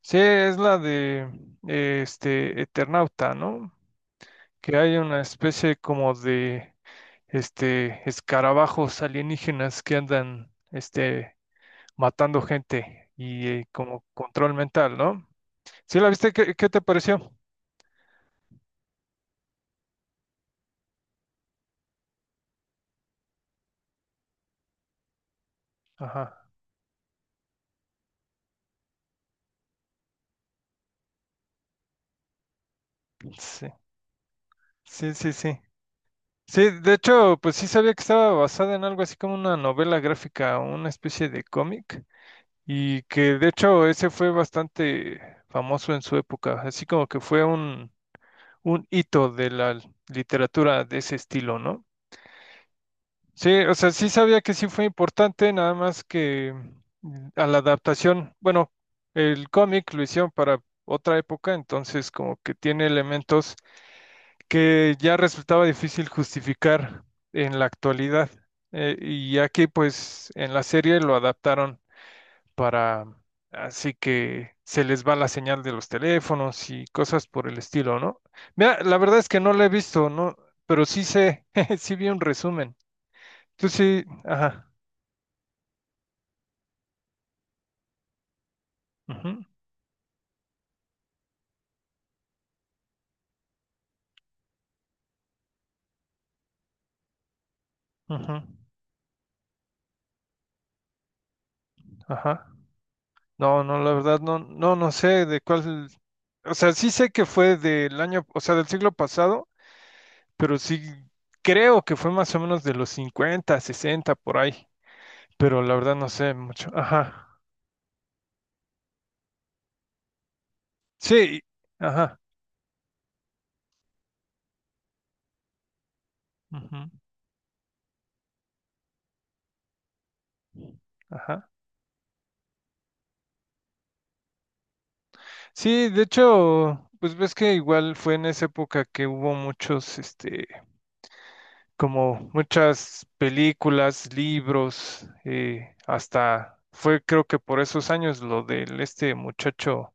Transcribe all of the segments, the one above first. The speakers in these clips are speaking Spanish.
Sí, es la de Eternauta, ¿no? Que hay una especie como de escarabajos alienígenas que andan matando gente y como control mental, ¿no? ¿Sí la viste? ¿Qué te pareció? Ajá. Sí. Sí, sí, sí. Sí, de hecho, pues sí sabía que estaba basada en algo así como una novela gráfica o una especie de cómic y que de hecho ese fue bastante famoso en su época, así como que fue un hito de la literatura de ese estilo, ¿no? Sí, o sea, sí sabía que sí fue importante, nada más que a la adaptación, bueno, el cómic lo hicieron para otra época, entonces como que tiene elementos que ya resultaba difícil justificar en la actualidad. Y aquí pues en la serie lo adaptaron para, así que se les va la señal de los teléfonos y cosas por el estilo, ¿no? Mira, la verdad es que no la he visto, ¿no? Pero sí sé, sí vi un resumen. Tú sí, ajá, ujú, ujú, ajá. No, no, la verdad no, no, no sé de cuál, o sea, sí sé que fue del año, o sea, del siglo pasado, pero sí creo que fue más o menos de los 50, 60 por ahí, pero la verdad no sé mucho. Ajá. Sí, ajá. Ujú. Ajá. Sí, de hecho, pues ves que igual fue en esa época que hubo muchos, como muchas películas, libros, hasta fue creo que por esos años lo del muchacho,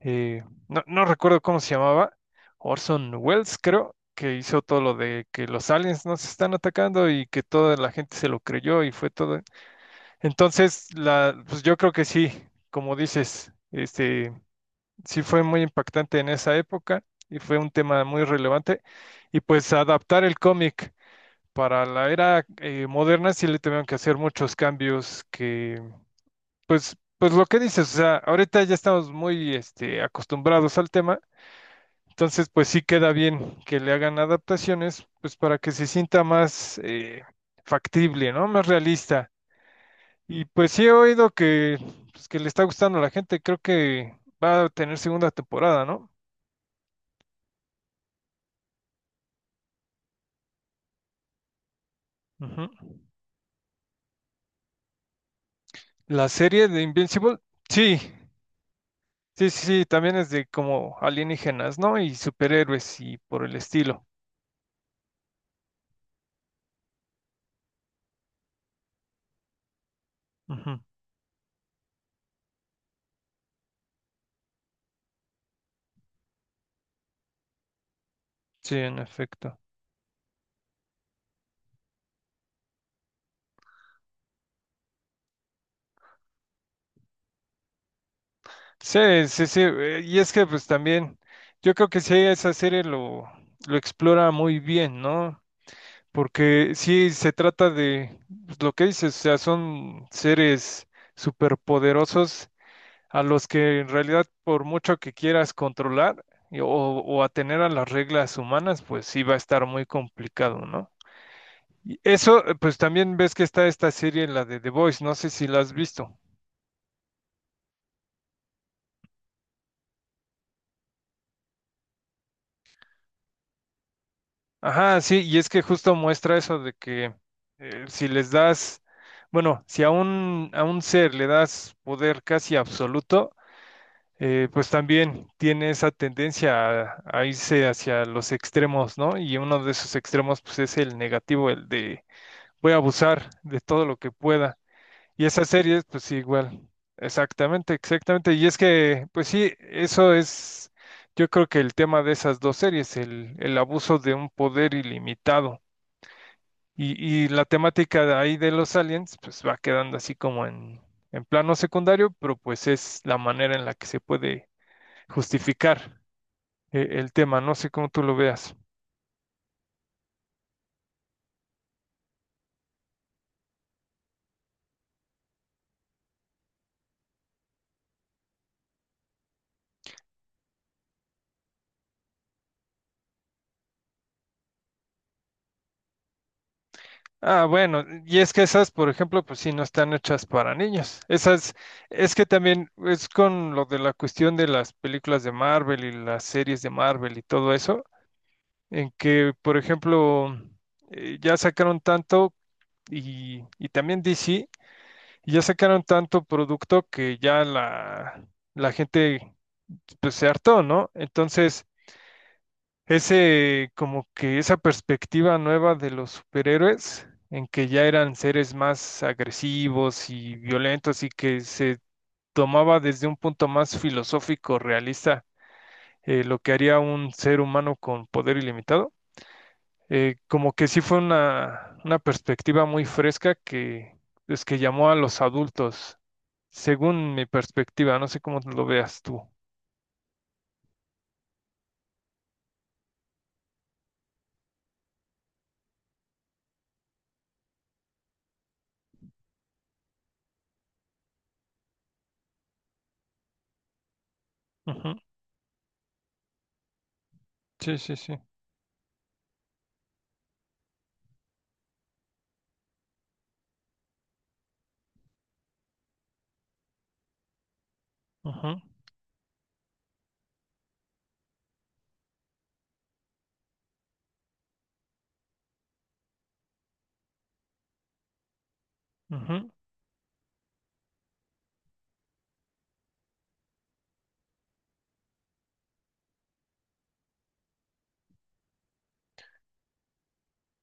no, no recuerdo cómo se llamaba, Orson Welles creo, que hizo todo lo de que los aliens nos están atacando y que toda la gente se lo creyó y fue todo. Entonces, la, pues yo creo que sí, como dices, sí fue muy impactante en esa época y fue un tema muy relevante. Y pues adaptar el cómic para la era moderna sí le tuvieron que hacer muchos cambios que, pues, pues lo que dices, o sea, ahorita ya estamos muy acostumbrados al tema, entonces pues sí queda bien que le hagan adaptaciones, pues para que se sienta más factible, ¿no? Más realista. Y pues sí he oído que, pues, que le está gustando a la gente, creo que va a tener segunda temporada, ¿no? Ujú. La serie de Invincible, sí, sí, sí, sí, también es de como alienígenas, ¿no? Y superhéroes y por el estilo. Ujú. Sí, en efecto. Sí, sí, sí, y es que pues también, yo creo que sí, esa serie lo explora muy bien, ¿no? Porque sí se trata de pues, lo que dices, o sea, son seres superpoderosos a los que en realidad por mucho que quieras controlar o atener a las reglas humanas, pues sí va a estar muy complicado, ¿no? Y eso, pues también ves que está esta serie, la de The Voice, no sé si la has visto. Ajá, sí, y es que justo muestra eso de que si les das, bueno, si a un ser le das poder casi absoluto, pues también tiene esa tendencia a irse hacia los extremos, ¿no? Y uno de esos extremos, pues es el negativo, el de voy a abusar de todo lo que pueda. Y esas series, pues sí, igual. Exactamente, exactamente. Y es que, pues sí, eso es, yo creo que el tema de esas dos series, el abuso de un poder ilimitado. Y la temática de ahí de los aliens, pues va quedando así como en, plano secundario, pero pues es la manera en la que se puede justificar el tema. No sé cómo tú lo veas. Ah, bueno, y es que esas, por ejemplo, pues sí, no están hechas para niños. Esas, es que también es con lo de la cuestión de las películas de Marvel y las series de Marvel y todo eso, en que, por ejemplo, ya sacaron tanto y también DC, y ya sacaron tanto producto que ya la gente pues, se hartó, ¿no? Entonces, ese como que esa perspectiva nueva de los superhéroes en que ya eran seres más agresivos y violentos y que se tomaba desde un punto más filosófico, realista, lo que haría un ser humano con poder ilimitado. Como que sí fue una perspectiva muy fresca que es que llamó a los adultos, según mi perspectiva, no sé cómo lo veas tú. Ujú. Sí, sí, sí. Ujú, ujú.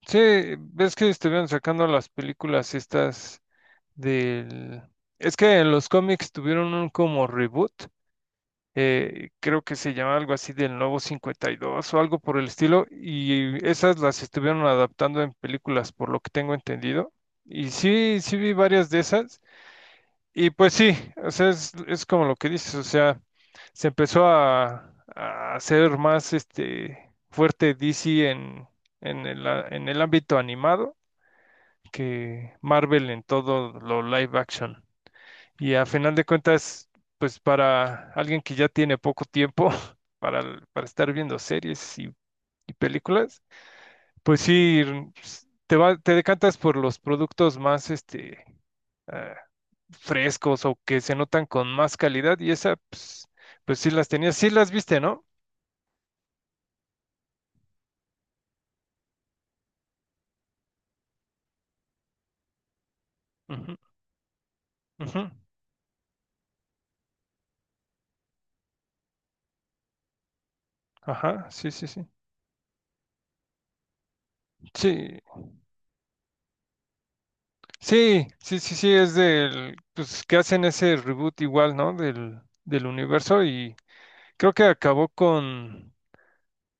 Sí, ves que estuvieron sacando las películas estas del... Es que en los cómics tuvieron un como reboot, creo que se llama algo así del Nuevo 52 o algo por el estilo, y esas las estuvieron adaptando en películas, por lo que tengo entendido. Y sí, sí vi varias de esas, y pues sí, o sea, es como lo que dices, o sea, se empezó a hacer más fuerte DC en el ámbito animado que Marvel en todo lo live action. Y a final de cuentas, pues para alguien que ya tiene poco tiempo para, para estar viendo series y películas, pues sí, te decantas por los productos más ah, frescos o que se notan con más calidad y esa, pues, pues sí las tenías, sí las viste, ¿no? Ujú, ujú. Ajá, sí, sí, sí. Sí, sí, sí, sí, sí, es del, pues que hacen ese reboot igual, ¿no? Del universo y creo que acabó con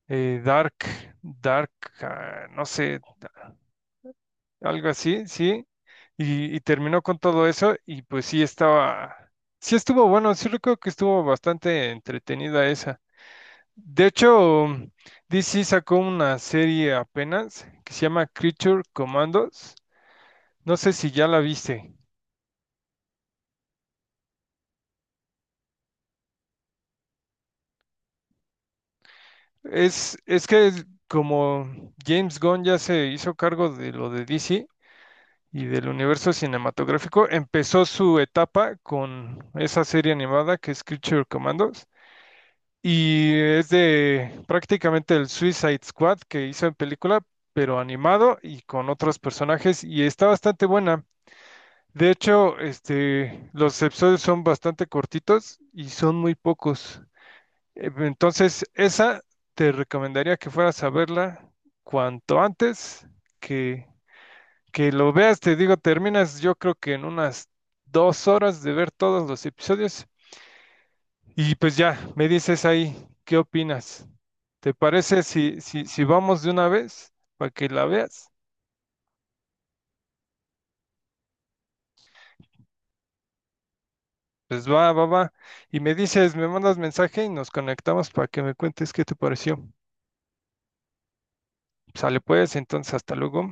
Dark, Dark, ah, no sé, algo así, sí, y terminó con todo eso y pues sí estuvo bueno, sí recuerdo que estuvo bastante entretenida esa. De hecho, DC sacó una serie apenas que se llama Creature Commandos, no sé si ya la viste. Es que como James Gunn ya se hizo cargo de lo de DC y del universo cinematográfico, empezó su etapa con esa serie animada que es Creature Commandos y es de prácticamente el Suicide Squad que hizo en película, pero animado y con otros personajes y está bastante buena. De hecho, los episodios son bastante cortitos y son muy pocos. Entonces, esa te recomendaría que fueras a verla cuanto antes que, lo veas. Te digo, terminas yo creo que en unas 2 horas de ver todos los episodios. Y pues ya, me dices ahí, ¿qué opinas? ¿Te parece si, vamos de una vez para que la veas? Pues va, va, va. Y me dices, me mandas mensaje y nos conectamos para que me cuentes qué te pareció. Sale pues, entonces hasta luego.